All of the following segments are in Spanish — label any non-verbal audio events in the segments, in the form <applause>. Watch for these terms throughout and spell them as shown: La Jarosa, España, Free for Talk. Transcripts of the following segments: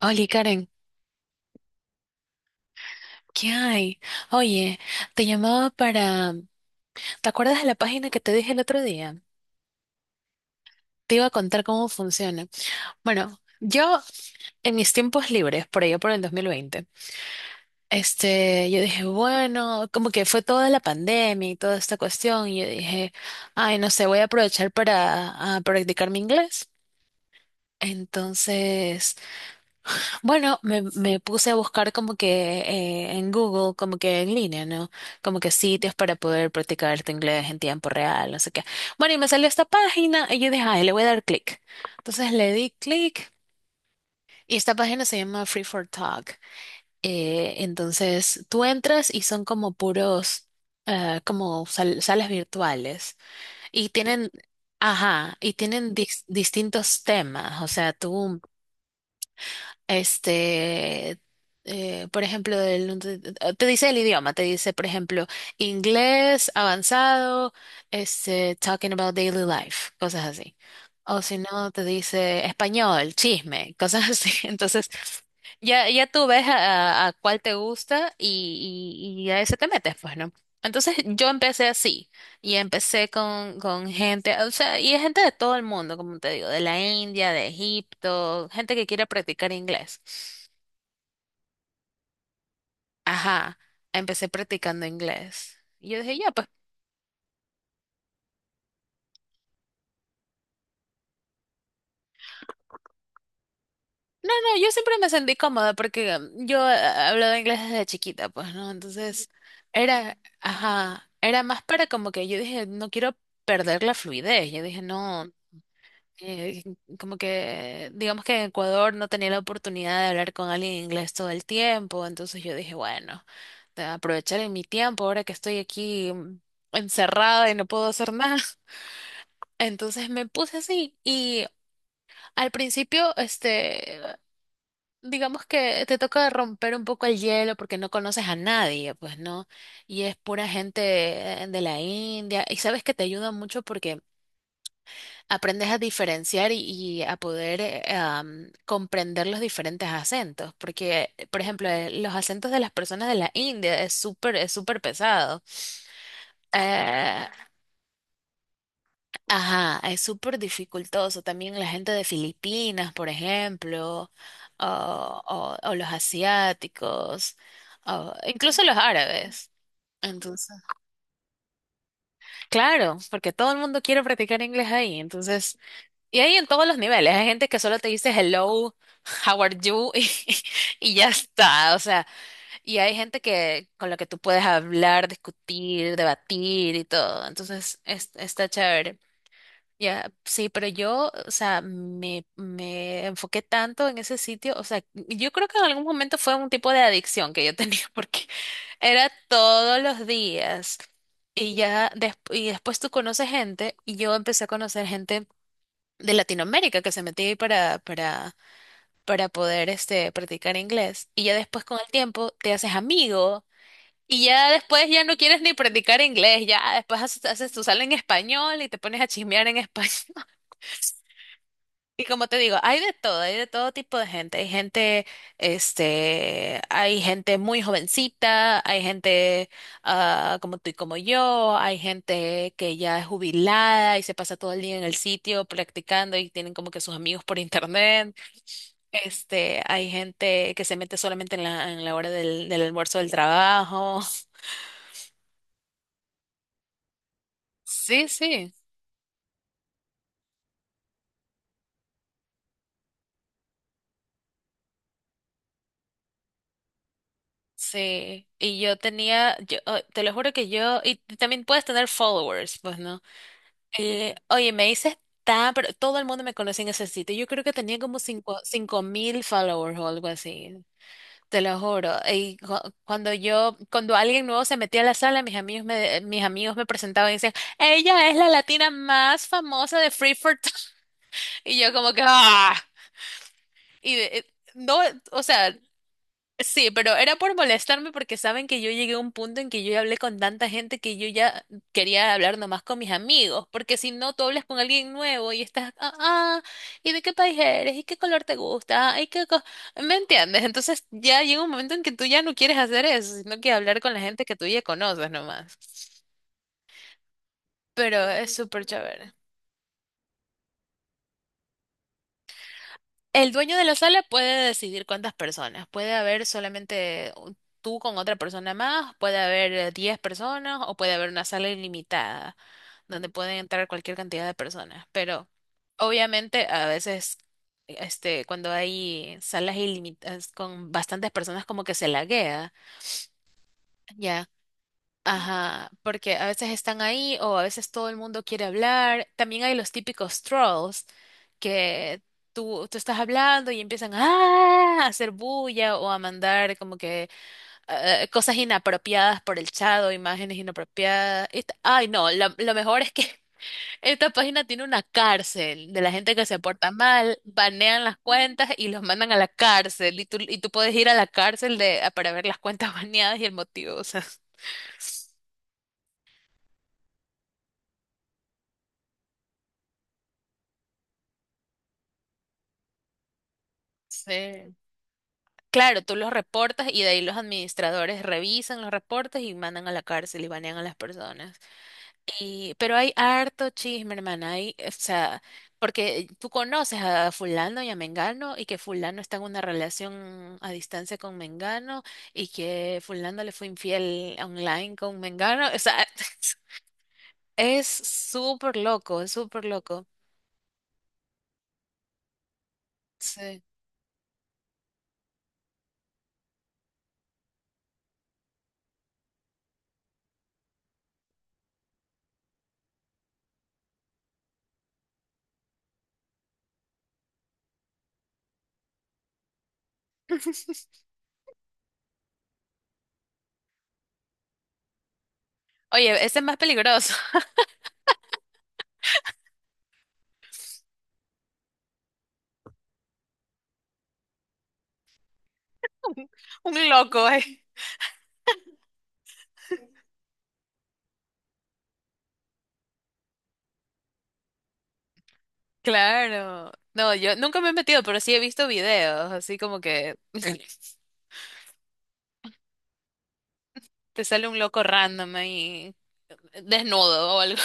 Oli, Karen, ¿qué hay? Oye, te llamaba para... ¿Te acuerdas de la página que te dije el otro día? Te iba a contar cómo funciona. Bueno, yo en mis tiempos libres, por allá por el 2020, yo dije, bueno, como que fue toda la pandemia y toda esta cuestión, y yo dije, ay, no sé, voy a aprovechar para a practicar mi inglés. Entonces bueno, me puse a buscar como que en Google, como que en línea, ¿no? Como que sitios para poder practicar tu inglés en tiempo real, no sé qué. Bueno, y me salió esta página y yo dije, ay, le voy a dar clic. Entonces le di clic y esta página se llama Free for Talk. Entonces tú entras y son como puros, como salas virtuales y tienen, ajá, y tienen distintos temas. O sea, tú este, por ejemplo, no te dice el idioma, te dice, por ejemplo, inglés avanzado, talking about daily life, cosas así. O si no, te dice español, chisme, cosas así. <laughs> Entonces, ya, ya tú ves a cuál te gusta y a ese te metes, pues, ¿no? Entonces yo empecé así y empecé con gente, o sea, y es gente de todo el mundo, como te digo, de la India, de Egipto, gente que quiere practicar inglés. Ajá, empecé practicando inglés. Y yo dije, ya, pues, no, yo siempre me sentí cómoda porque yo hablaba inglés desde chiquita, pues, ¿no? Entonces, era, ajá, era más para como que yo dije, no quiero perder la fluidez. Yo dije, no, eh, como que, digamos que en Ecuador no tenía la oportunidad de hablar con alguien en inglés todo el tiempo, entonces yo dije, bueno, de aprovechar en mi tiempo ahora que estoy aquí encerrada y no puedo hacer nada. <laughs> Entonces me puse así y al principio, digamos que te toca romper un poco el hielo porque no conoces a nadie, pues no, y es pura gente de la India y sabes que te ayuda mucho porque aprendes a diferenciar y a poder comprender los diferentes acentos, porque, por ejemplo, los acentos de las personas de la India es súper pesado. Eh, ajá, es súper dificultoso. También la gente de Filipinas, por ejemplo, o los asiáticos, o incluso los árabes. Entonces, claro, porque todo el mundo quiere practicar inglés ahí, entonces y hay en todos los niveles, hay gente que solo te dice hello, how are you <laughs> y ya está, o sea, y hay gente que con la que tú puedes hablar, discutir, debatir y todo, entonces está chévere. Ya, sí, pero yo, o sea, me enfoqué tanto en ese sitio, o sea, yo creo que en algún momento fue un tipo de adicción que yo tenía <laughs> porque era todos los días y ya y después tú conoces gente y yo empecé a conocer gente de Latinoamérica que se metía ahí para poder practicar inglés. Y ya después con el tiempo te haces amigo y ya después ya no quieres ni practicar inglés, ya después haces, haces tu sala en español y te pones a chismear en español. <laughs> Y como te digo, hay de todo tipo de gente. Hay gente, hay gente muy jovencita, hay gente ah, como tú y como yo, hay gente que ya es jubilada y se pasa todo el día en el sitio practicando y tienen como que sus amigos por internet. Hay gente que se mete solamente en la hora del almuerzo del trabajo. <laughs> Sí, sí, sí. Y yo tenía, yo, oh, te lo juro que yo, y también puedes tener followers, pues, ¿no? Oye, me dices tan, pero todo el mundo me conoce en ese sitio. Yo creo que tenía como 5000 followers o algo así. Te lo juro. Y cuando yo, cuando alguien nuevo se metía a la sala, mis amigos me presentaban y decían, ella es la latina más famosa de Free. Y yo como que, ah, y no, o sea, sí, pero era por molestarme porque saben que yo llegué a un punto en que yo ya hablé con tanta gente que yo ya quería hablar nomás con mis amigos, porque si no, tú hablas con alguien nuevo y estás, ah, ah, ¿y de qué país eres? ¿Y qué color te gusta? ¿Y qué ¿Me entiendes? Entonces ya llega un momento en que tú ya no quieres hacer eso, sino que hablar con la gente que tú ya conoces nomás. Pero es súper chévere. El dueño de la sala puede decidir cuántas personas. Puede haber solamente tú con otra persona más, puede haber 10 personas o puede haber una sala ilimitada donde pueden entrar cualquier cantidad de personas. Pero obviamente a veces cuando hay salas ilimitadas con bastantes personas como que se laguea, ya. Ajá, porque a veces están ahí o a veces todo el mundo quiere hablar. También hay los típicos trolls que tú estás hablando y empiezan "Ah", a hacer bulla o a mandar como que cosas inapropiadas por el chat o imágenes inapropiadas. Y ay, no, lo mejor es que <laughs> esta página tiene una cárcel de la gente que se porta mal, banean las cuentas y los mandan a la cárcel. Y tú puedes ir a la cárcel de, para ver las cuentas <laughs> baneadas y el motivo. O sea, <laughs> sí. Claro, tú los reportas y de ahí los administradores revisan los reportes y mandan a la cárcel y banean a las personas. Y, pero hay harto chisme, hermana, hay, o sea, porque tú conoces a fulano y a mengano y que fulano está en una relación a distancia con mengano y que fulano le fue infiel online con mengano, o sea, <laughs> es súper loco, es súper loco. Sí. <laughs> Oye, ese es más peligroso, <laughs> un loco, eh. Claro. No, yo nunca me he metido, pero sí he visto videos, así como que <laughs> te sale un loco random ahí, desnudo o algo.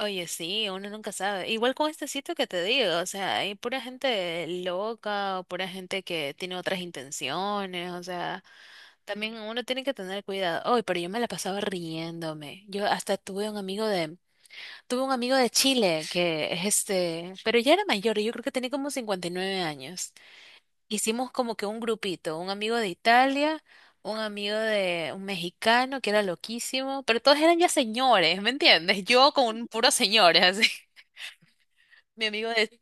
Oye, sí, uno nunca sabe. Igual con este sitio que te digo, o sea, hay pura gente loca o pura gente que tiene otras intenciones, o sea, también uno tiene que tener cuidado. Oye, pero yo me la pasaba riéndome. Yo hasta tuve un amigo de Chile que es este, pero ya era mayor, yo creo que tenía como 59 años. Hicimos como que un grupito, un amigo de Italia, un amigo de un mexicano que era loquísimo, pero todos eran ya señores, ¿me entiendes? Yo con un puro señores, así. <laughs> Mi amigo de,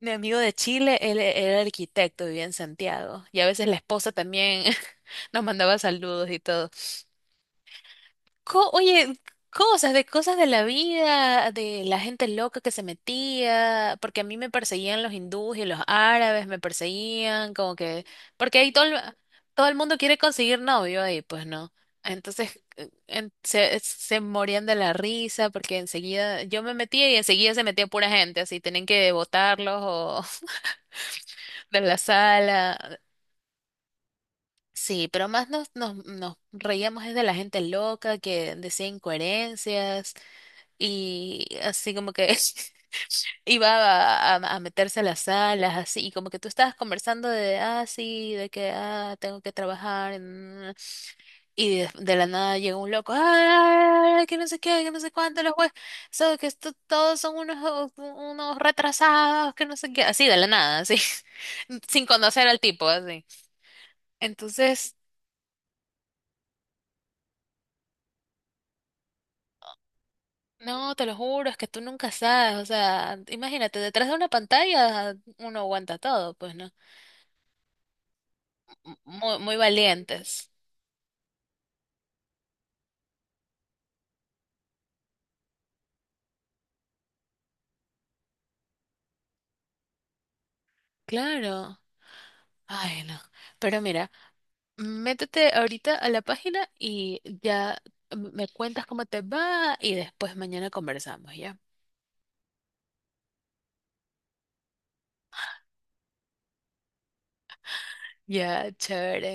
mi amigo de Chile, él era arquitecto, vivía en Santiago, y a veces la esposa también <laughs> nos mandaba saludos y todo. Oye, cosas de la vida, de la gente loca que se metía, porque a mí me perseguían los hindúes y los árabes me perseguían, como que, porque ahí todo el mundo quiere conseguir novio ahí, pues no. Entonces se morían de la risa porque enseguida yo me metía y enseguida se metía pura gente, así tenían que botarlos o <laughs> de la sala. Sí, pero más nos reíamos es de la gente loca que decía incoherencias, y así como que <laughs> iba a meterse a las salas, así, y como que tú estabas conversando de, ah, sí, de que, ah, tengo que trabajar, y de la nada llega un loco, ah, que no sé qué, que no sé cuánto, los jueces, so, que todos son unos, unos retrasados, que no sé qué, así de la nada, así, <laughs> sin conocer al tipo, así. Entonces... No, te lo juro, es que tú nunca sabes, o sea, imagínate, detrás de una pantalla uno aguanta todo, pues no. Muy, muy valientes. Claro. Ay, no. Pero mira, métete ahorita a la página y ya me cuentas cómo te va y después mañana conversamos, ¿ya? Ya, chévere.